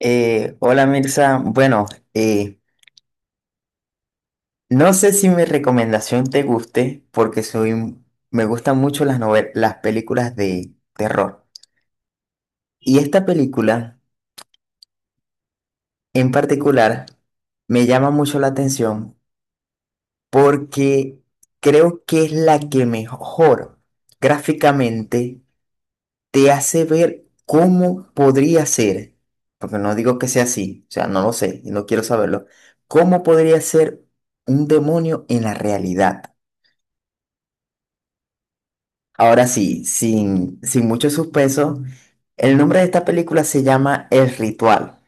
Hola Mirza, bueno, eh, no sé si mi recomendación te guste porque me gustan mucho las las películas de terror. Y esta película en particular me llama mucho la atención porque creo que es la que mejor gráficamente te hace ver cómo podría ser, porque no digo que sea así, o sea, no lo sé y no quiero saberlo, cómo podría ser un demonio en la realidad. Ahora sí, sin mucho suspenso, el nombre de esta película se llama El Ritual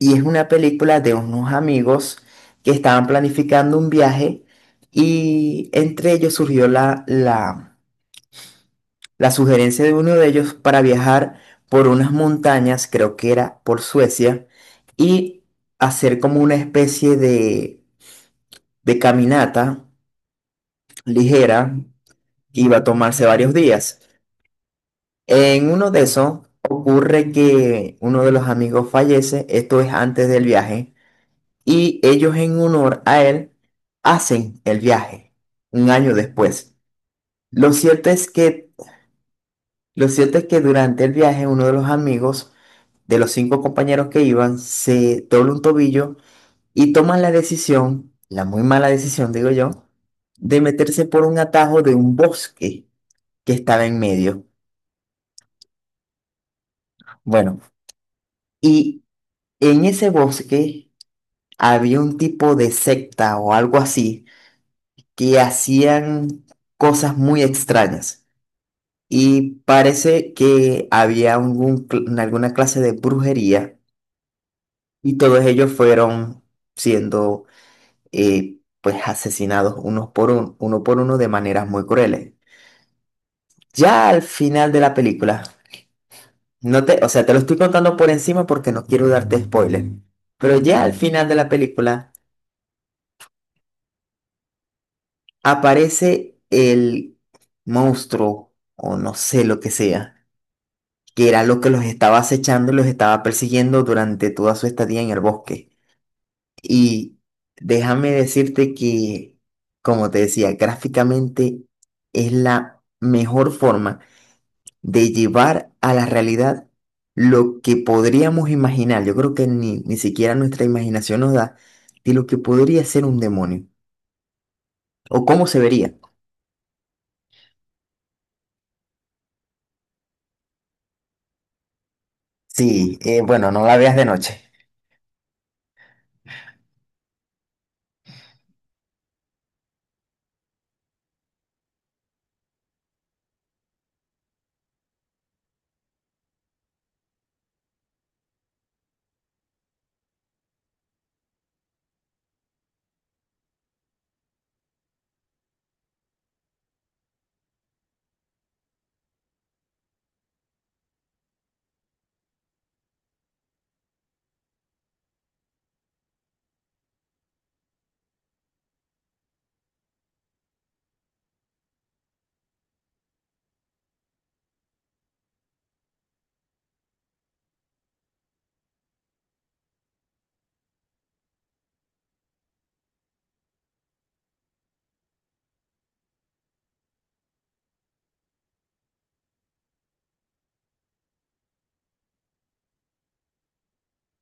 y es una película de unos amigos que estaban planificando un viaje y entre ellos surgió la sugerencia de uno de ellos para viajar por unas montañas, creo que era por Suecia, y hacer como una especie de caminata ligera que iba a tomarse varios días. En uno de esos ocurre que uno de los amigos fallece, esto es antes del viaje, y ellos en honor a él hacen el viaje un año después. Lo cierto es que, lo cierto es que durante el viaje uno de los amigos de los cinco compañeros que iban, se dobla un tobillo y toman la decisión, la muy mala decisión, digo yo, de meterse por un atajo de un bosque que estaba en medio. Bueno, y en ese bosque había un tipo de secta o algo así que hacían cosas muy extrañas. Y parece que había alguna clase de brujería y todos ellos fueron siendo y pues asesinados uno por uno de maneras muy crueles. Ya al final de la película, no te, o sea, te lo estoy contando por encima porque no quiero darte spoiler, pero ya al final de la película aparece el monstruo o no sé lo que sea, que era lo que los estaba acechando y los estaba persiguiendo durante toda su estadía en el bosque. Y déjame decirte que, como te decía, gráficamente es la mejor forma de llevar a la realidad lo que podríamos imaginar. Yo creo que ni siquiera nuestra imaginación nos da de lo que podría ser un demonio o cómo se vería. Sí, bueno, no la veas de noche.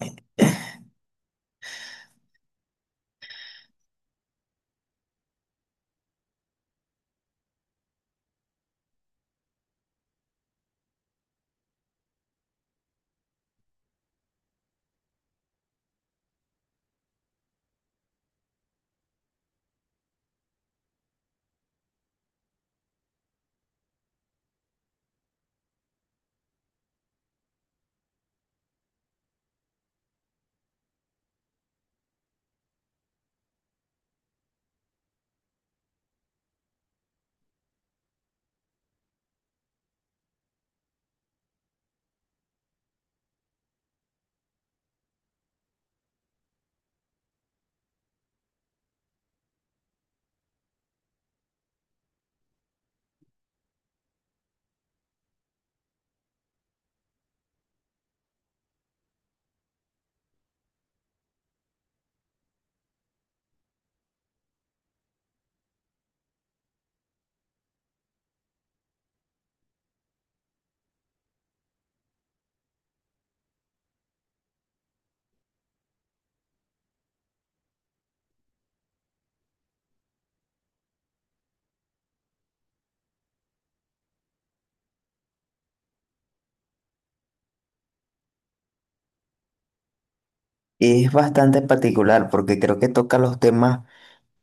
Es bastante particular porque creo que toca los temas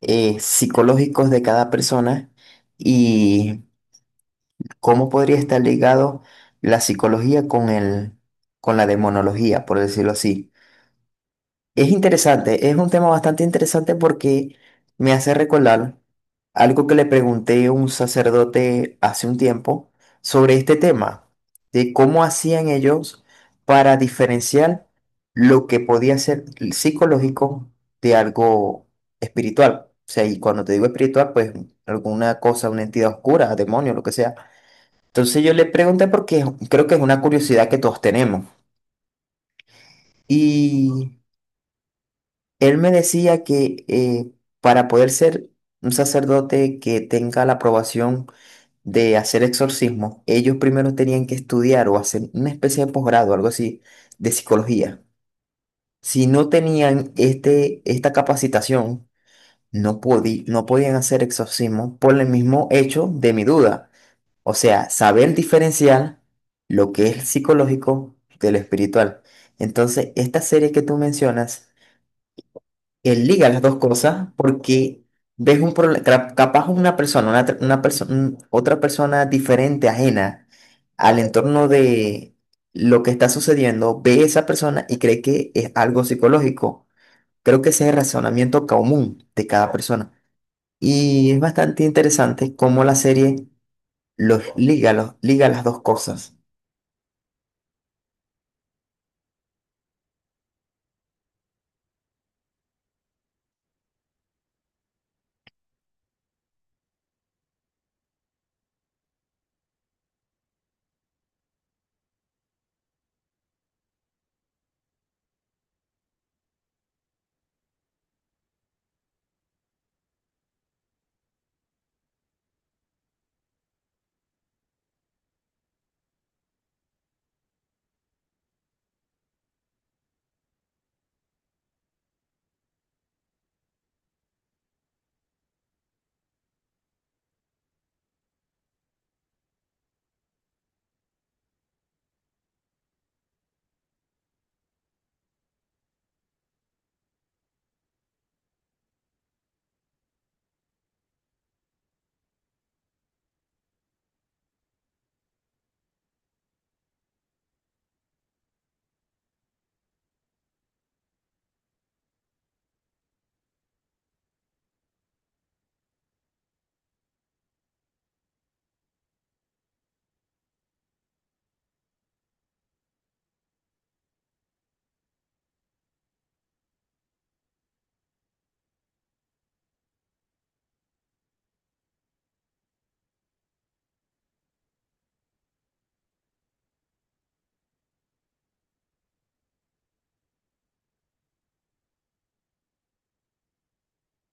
psicológicos de cada persona y cómo podría estar ligado la psicología con la demonología, por decirlo así. Es interesante, es un tema bastante interesante porque me hace recordar algo que le pregunté a un sacerdote hace un tiempo sobre este tema, de cómo hacían ellos para diferenciar lo que podía ser psicológico de algo espiritual. O sea, y cuando te digo espiritual, pues alguna cosa, una entidad oscura, demonio, lo que sea. Entonces yo le pregunté porque creo que es una curiosidad que todos tenemos. Y él me decía que para poder ser un sacerdote que tenga la aprobación de hacer exorcismo, ellos primero tenían que estudiar o hacer una especie de posgrado, algo así, de psicología. Si no tenían esta capacitación, no podían hacer exorcismo por el mismo hecho de mi duda. O sea, saber diferenciar lo que es psicológico de lo espiritual. Entonces, esta serie que tú mencionas que liga las dos cosas porque ves capaz una persona, una, tr- una perso- un- otra persona diferente, ajena al entorno de lo que está sucediendo, ve esa persona y cree que es algo psicológico. Creo que ese es el razonamiento común de cada persona. Y es bastante interesante cómo la serie los liga las dos cosas.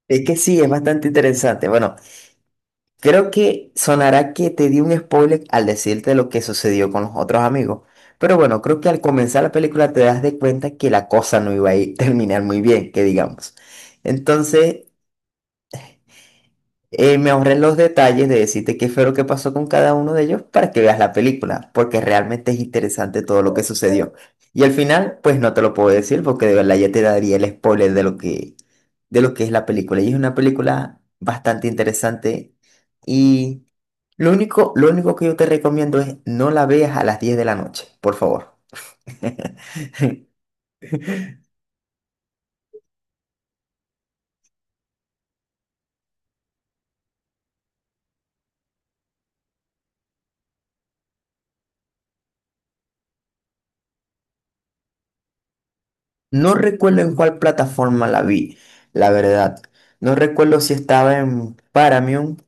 Es que sí, es bastante interesante. Bueno, creo que sonará que te di un spoiler al decirte lo que sucedió con los otros amigos. Pero bueno, creo que al comenzar la película te das de cuenta que la cosa no iba a terminar muy bien, que digamos. Entonces, me ahorré los detalles de decirte qué fue lo que pasó con cada uno de ellos para que veas la película, porque realmente es interesante todo lo que sucedió. Y al final, pues no te lo puedo decir porque de verdad ya te daría el spoiler de lo que, es la película. Y es una película bastante interesante. Lo único que yo te recomiendo es no la veas a las 10 de la noche, por favor. No recuerdo en cuál plataforma la vi, la verdad. No recuerdo si estaba en Paramount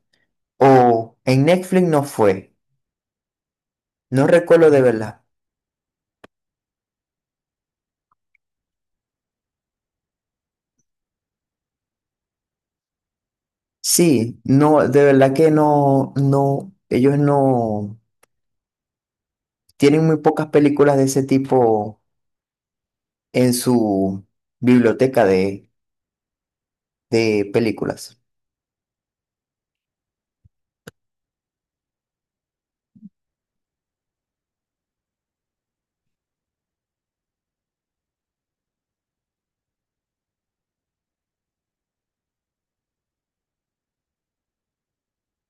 o en Netflix no fue. No recuerdo de verdad. Sí, no, de verdad que no, no, ellos no tienen muy pocas películas de ese tipo en su biblioteca de películas.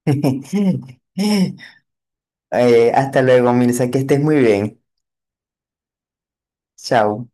Hasta luego, Mirza, que estés muy bien. Chao.